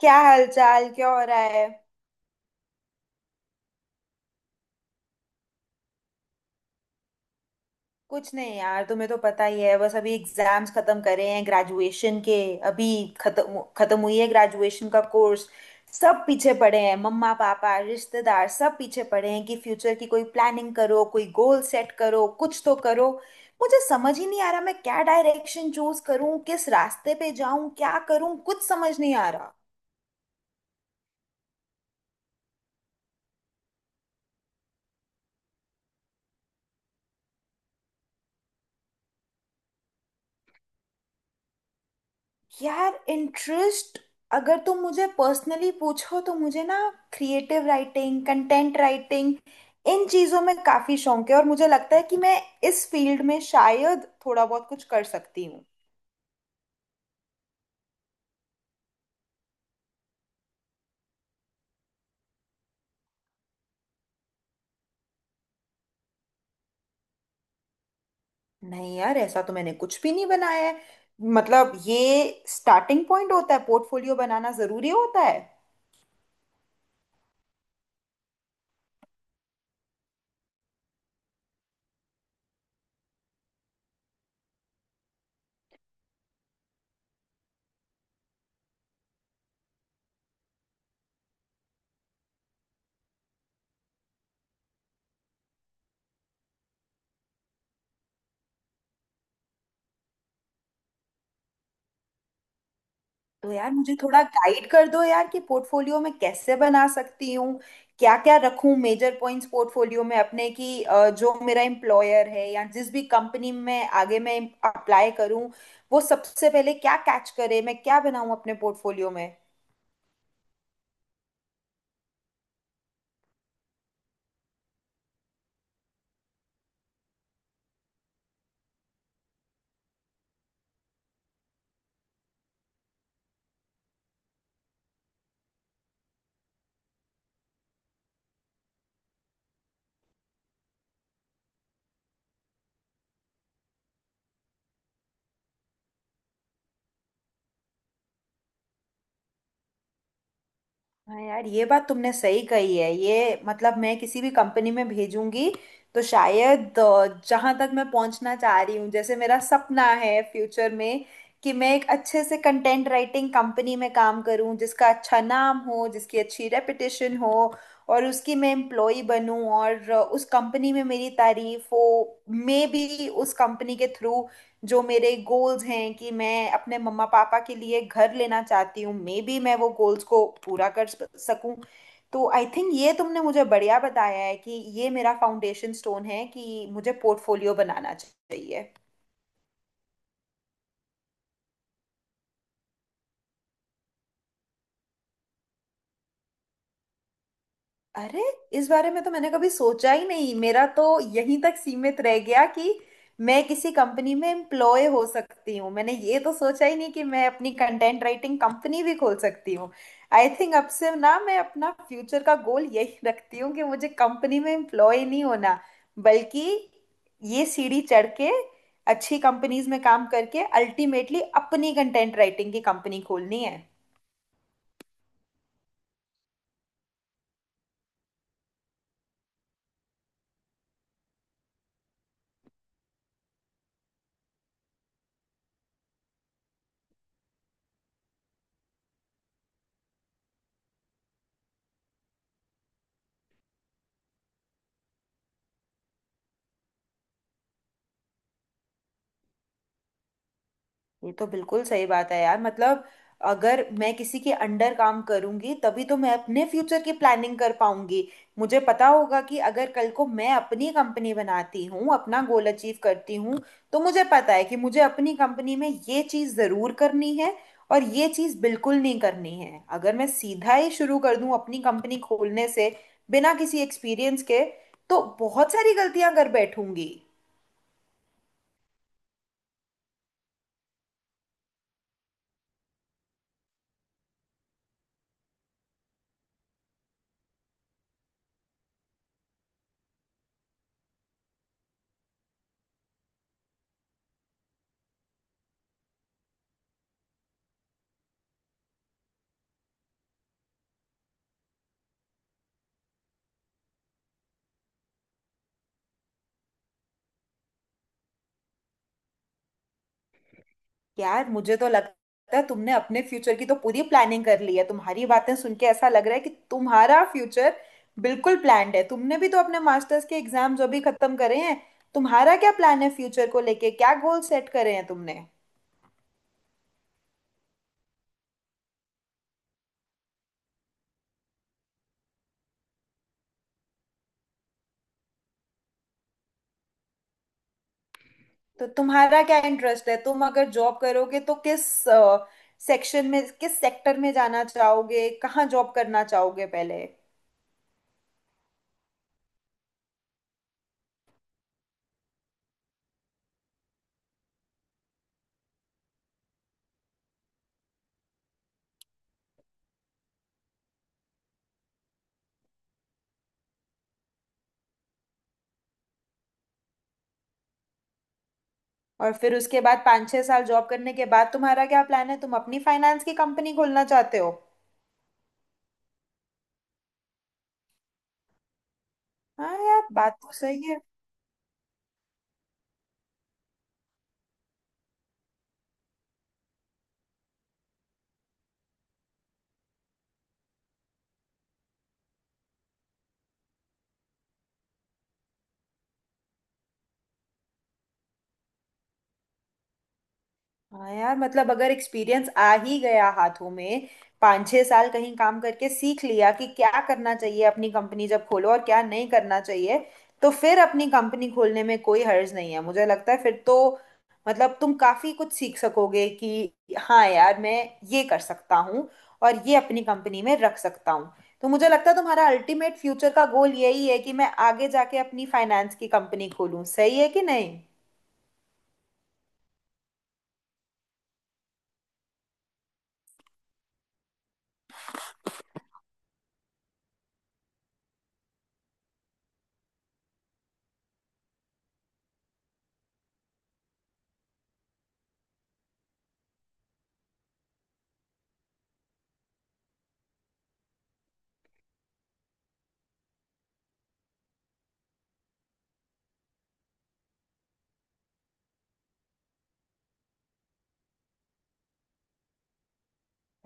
क्या हाल चाल, क्या हो रहा है। कुछ नहीं यार, तुम्हें तो पता ही है। बस अभी एग्जाम्स खत्म करे हैं ग्रेजुएशन के। अभी खत्म खत्म हुई है ग्रेजुएशन का कोर्स। सब पीछे पड़े हैं, मम्मा पापा रिश्तेदार सब पीछे पड़े हैं कि फ्यूचर की कोई प्लानिंग करो, कोई गोल सेट करो, कुछ तो करो। मुझे समझ ही नहीं आ रहा, मैं क्या डायरेक्शन चूज करूं, किस रास्ते पे जाऊं, क्या करूं, कुछ समझ नहीं आ रहा। यार इंटरेस्ट, अगर तुम मुझे पर्सनली पूछो तो मुझे ना क्रिएटिव राइटिंग, कंटेंट राइटिंग, इन चीज़ों में काफ़ी शौक है, और मुझे लगता है कि मैं इस फील्ड में शायद थोड़ा बहुत कुछ कर सकती हूँ। नहीं यार, ऐसा तो मैंने कुछ भी नहीं बनाया है। मतलब ये स्टार्टिंग पॉइंट होता है, पोर्टफोलियो बनाना ज़रूरी होता है। तो यार मुझे थोड़ा गाइड कर दो यार कि पोर्टफोलियो में कैसे बना सकती हूँ, क्या क्या रखूँ मेजर पॉइंट्स पोर्टफोलियो में अपने। कि जो मेरा एम्प्लॉयर है या जिस भी कंपनी में आगे मैं अप्लाई करूँ, वो सबसे पहले क्या कैच करे, मैं क्या बनाऊँ अपने पोर्टफोलियो में। हाँ यार, ये बात तुमने सही कही है। ये मतलब मैं किसी भी कंपनी में भेजूंगी तो शायद जहां तक मैं पहुंचना चाह रही हूँ, जैसे मेरा सपना है फ्यूचर में कि मैं एक अच्छे से कंटेंट राइटिंग कंपनी में काम करूँ जिसका अच्छा नाम हो, जिसकी अच्छी रेपुटेशन हो, और उसकी मैं एम्प्लॉय बनूं, और उस कंपनी में मेरी तारीफ हो। मे बी उस कंपनी के थ्रू जो मेरे गोल्स हैं कि मैं अपने मम्मा पापा के लिए घर लेना चाहती हूँ, मे बी मैं वो गोल्स को पूरा कर सकूं। तो आई थिंक ये तुमने मुझे बढ़िया बताया है कि ये मेरा फाउंडेशन स्टोन है कि मुझे पोर्टफोलियो बनाना चाहिए। अरे, इस बारे में तो मैंने कभी सोचा ही नहीं। मेरा तो यहीं तक सीमित रह गया कि मैं किसी कंपनी में एम्प्लॉय हो सकती हूँ। मैंने ये तो सोचा ही नहीं कि मैं अपनी कंटेंट राइटिंग कंपनी भी खोल सकती हूँ। आई थिंक अब से ना मैं अपना फ्यूचर का गोल यही रखती हूँ कि मुझे कंपनी में एम्प्लॉय नहीं होना, बल्कि ये सीढ़ी चढ़ के अच्छी कंपनीज में काम करके अल्टीमेटली अपनी कंटेंट राइटिंग की कंपनी खोलनी है। ये तो बिल्कुल सही बात है यार। मतलब अगर मैं किसी के अंडर काम करूंगी तभी तो मैं अपने फ्यूचर की प्लानिंग कर पाऊंगी। मुझे पता होगा कि अगर कल को मैं अपनी कंपनी बनाती हूँ, अपना गोल अचीव करती हूँ, तो मुझे पता है कि मुझे अपनी कंपनी में ये चीज़ ज़रूर करनी है और ये चीज़ बिल्कुल नहीं करनी है। अगर मैं सीधा ही शुरू कर दूँ अपनी कंपनी खोलने से, बिना किसी एक्सपीरियंस के, तो बहुत सारी गलतियां कर बैठूंगी। यार मुझे तो लगता है तुमने अपने फ्यूचर की तो पूरी प्लानिंग कर ली है। तुम्हारी बातें सुन के ऐसा लग रहा है कि तुम्हारा फ्यूचर बिल्कुल प्लान्ड है। तुमने भी तो अपने मास्टर्स के एग्जाम्स अभी खत्म करे हैं। तुम्हारा क्या प्लान है फ्यूचर को लेके, क्या गोल सेट करे हैं तुमने? तो तुम्हारा क्या इंटरेस्ट है, तुम अगर जॉब करोगे तो किस सेक्शन में, किस सेक्टर में जाना चाहोगे, कहाँ जॉब करना चाहोगे पहले? और फिर उसके बाद पाँच छह साल जॉब करने के बाद तुम्हारा क्या प्लान है, तुम अपनी फाइनेंस की कंपनी खोलना चाहते हो? हाँ यार बात तो सही है। हाँ यार, मतलब अगर एक्सपीरियंस आ ही गया हाथों में, पाँच छह साल कहीं काम करके सीख लिया कि क्या करना चाहिए अपनी कंपनी जब खोलो और क्या नहीं करना चाहिए, तो फिर अपनी कंपनी खोलने में कोई हर्ज नहीं है मुझे लगता है। फिर तो मतलब तुम काफी कुछ सीख सकोगे कि हाँ यार, मैं ये कर सकता हूँ और ये अपनी कंपनी में रख सकता हूँ। तो मुझे लगता है तुम्हारा अल्टीमेट फ्यूचर का गोल यही है कि मैं आगे जाके अपनी फाइनेंस की कंपनी खोलूँ, सही है कि नहीं?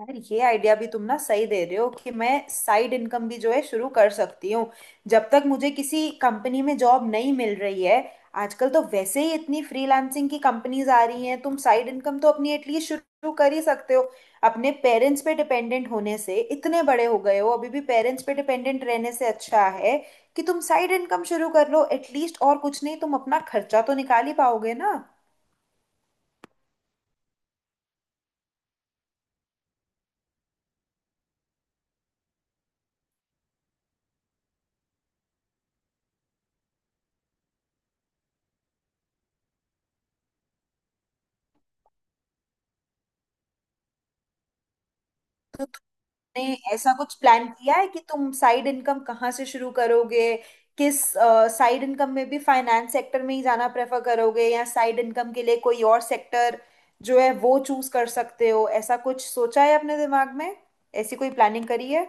यार ये आइडिया भी तुम ना सही दे रहे हो कि मैं साइड इनकम भी जो है शुरू कर सकती हूँ जब तक मुझे किसी कंपनी में जॉब नहीं मिल रही है। आजकल तो वैसे ही इतनी फ्रीलांसिंग की कंपनीज आ रही हैं, तुम साइड इनकम तो अपनी एटलीस्ट शुरू कर ही सकते हो। अपने पेरेंट्स पे डिपेंडेंट होने से, इतने बड़े हो गए हो अभी भी पेरेंट्स पे डिपेंडेंट रहने से अच्छा है कि तुम साइड इनकम शुरू कर लो एटलीस्ट। और कुछ नहीं तुम अपना खर्चा तो निकाल ही पाओगे ना। ने ऐसा कुछ प्लान किया है कि तुम साइड इनकम कहाँ से शुरू करोगे, किस साइड इनकम में भी फाइनेंस सेक्टर में ही जाना प्रेफर करोगे या साइड इनकम के लिए कोई और सेक्टर जो है वो चूज कर सकते हो? ऐसा कुछ सोचा है अपने दिमाग में, ऐसी कोई प्लानिंग करी है?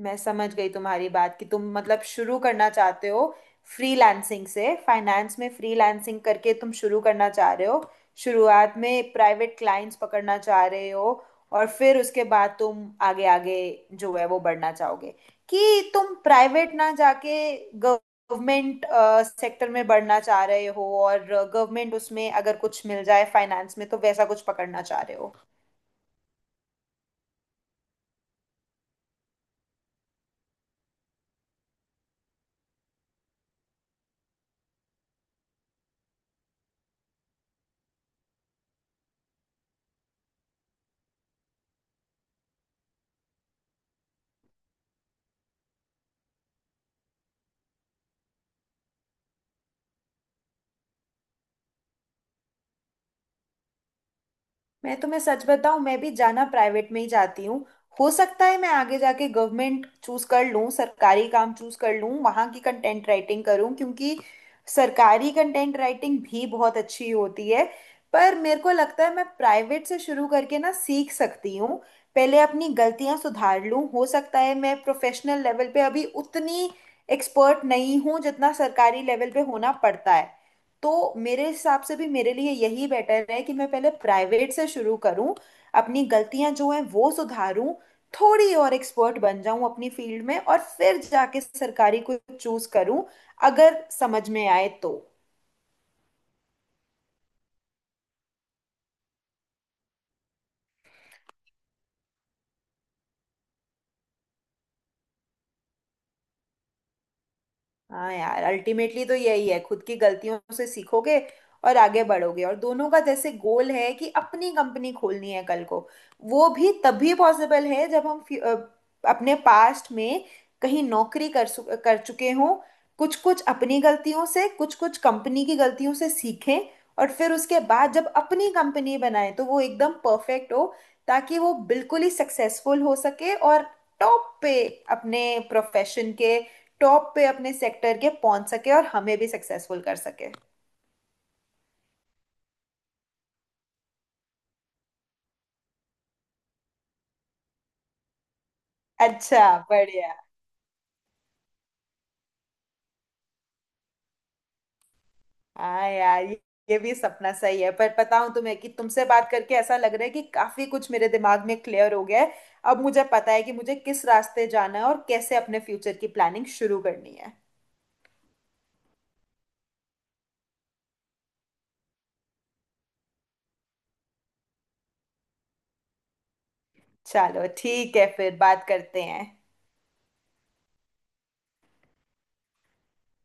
मैं समझ गई तुम्हारी बात कि तुम मतलब शुरू करना चाहते हो फ्रीलांसिंग से, फाइनेंस में फ्रीलांसिंग करके तुम शुरू करना चाह रहे हो। शुरुआत में प्राइवेट क्लाइंट्स पकड़ना चाह रहे हो और फिर उसके बाद तुम आगे आगे जो है वो बढ़ना चाहोगे। कि तुम प्राइवेट ना जाके गवर्नमेंट सेक्टर में बढ़ना चाह रहे हो, और गवर्नमेंट उसमें अगर कुछ मिल जाए फाइनेंस में तो वैसा कुछ पकड़ना चाह रहे हो। मैं तुम्हें सच बताऊं, मैं भी जाना प्राइवेट में ही जाती हूँ। हो सकता है मैं आगे जाके गवर्नमेंट चूज कर लूँ, सरकारी काम चूज कर लूँ, वहाँ की कंटेंट राइटिंग करूँ क्योंकि सरकारी कंटेंट राइटिंग भी बहुत अच्छी होती है। पर मेरे को लगता है मैं प्राइवेट से शुरू करके ना सीख सकती हूँ, पहले अपनी गलतियाँ सुधार लूँ। हो सकता है मैं प्रोफेशनल लेवल पे अभी उतनी एक्सपर्ट नहीं हूँ जितना सरकारी लेवल पे होना पड़ता है। तो मेरे हिसाब से भी मेरे लिए यही बेटर है कि मैं पहले प्राइवेट से शुरू करूं, अपनी गलतियां जो हैं वो सुधारूं, थोड़ी और एक्सपर्ट बन जाऊं अपनी फील्ड में, और फिर जाके सरकारी को चूज करूं, अगर समझ में आए तो। हाँ यार, अल्टीमेटली तो यही है, खुद की गलतियों से सीखोगे और आगे बढ़ोगे। और दोनों का जैसे गोल है कि अपनी कंपनी खोलनी है कल को, वो भी तभी पॉसिबल है जब हम अपने पास्ट में कहीं नौकरी कर चुके हों, कुछ कुछ अपनी गलतियों से कुछ कुछ कंपनी की गलतियों से सीखें, और फिर उसके बाद जब अपनी कंपनी बनाएं तो वो एकदम परफेक्ट हो, ताकि वो बिल्कुल ही सक्सेसफुल हो सके और टॉप पे अपने प्रोफेशन के, टॉप पे अपने सेक्टर के पहुंच सके, और हमें भी सक्सेसफुल कर सके। अच्छा बढ़िया। हाँ यार, ये भी सपना सही है। पर पता हूँ तुम्हें कि तुमसे बात करके ऐसा लग रहा है कि काफी कुछ मेरे दिमाग में क्लियर हो गया है। अब मुझे पता है कि मुझे किस रास्ते जाना है और कैसे अपने फ्यूचर की प्लानिंग शुरू करनी है। चलो ठीक है, फिर बात करते हैं।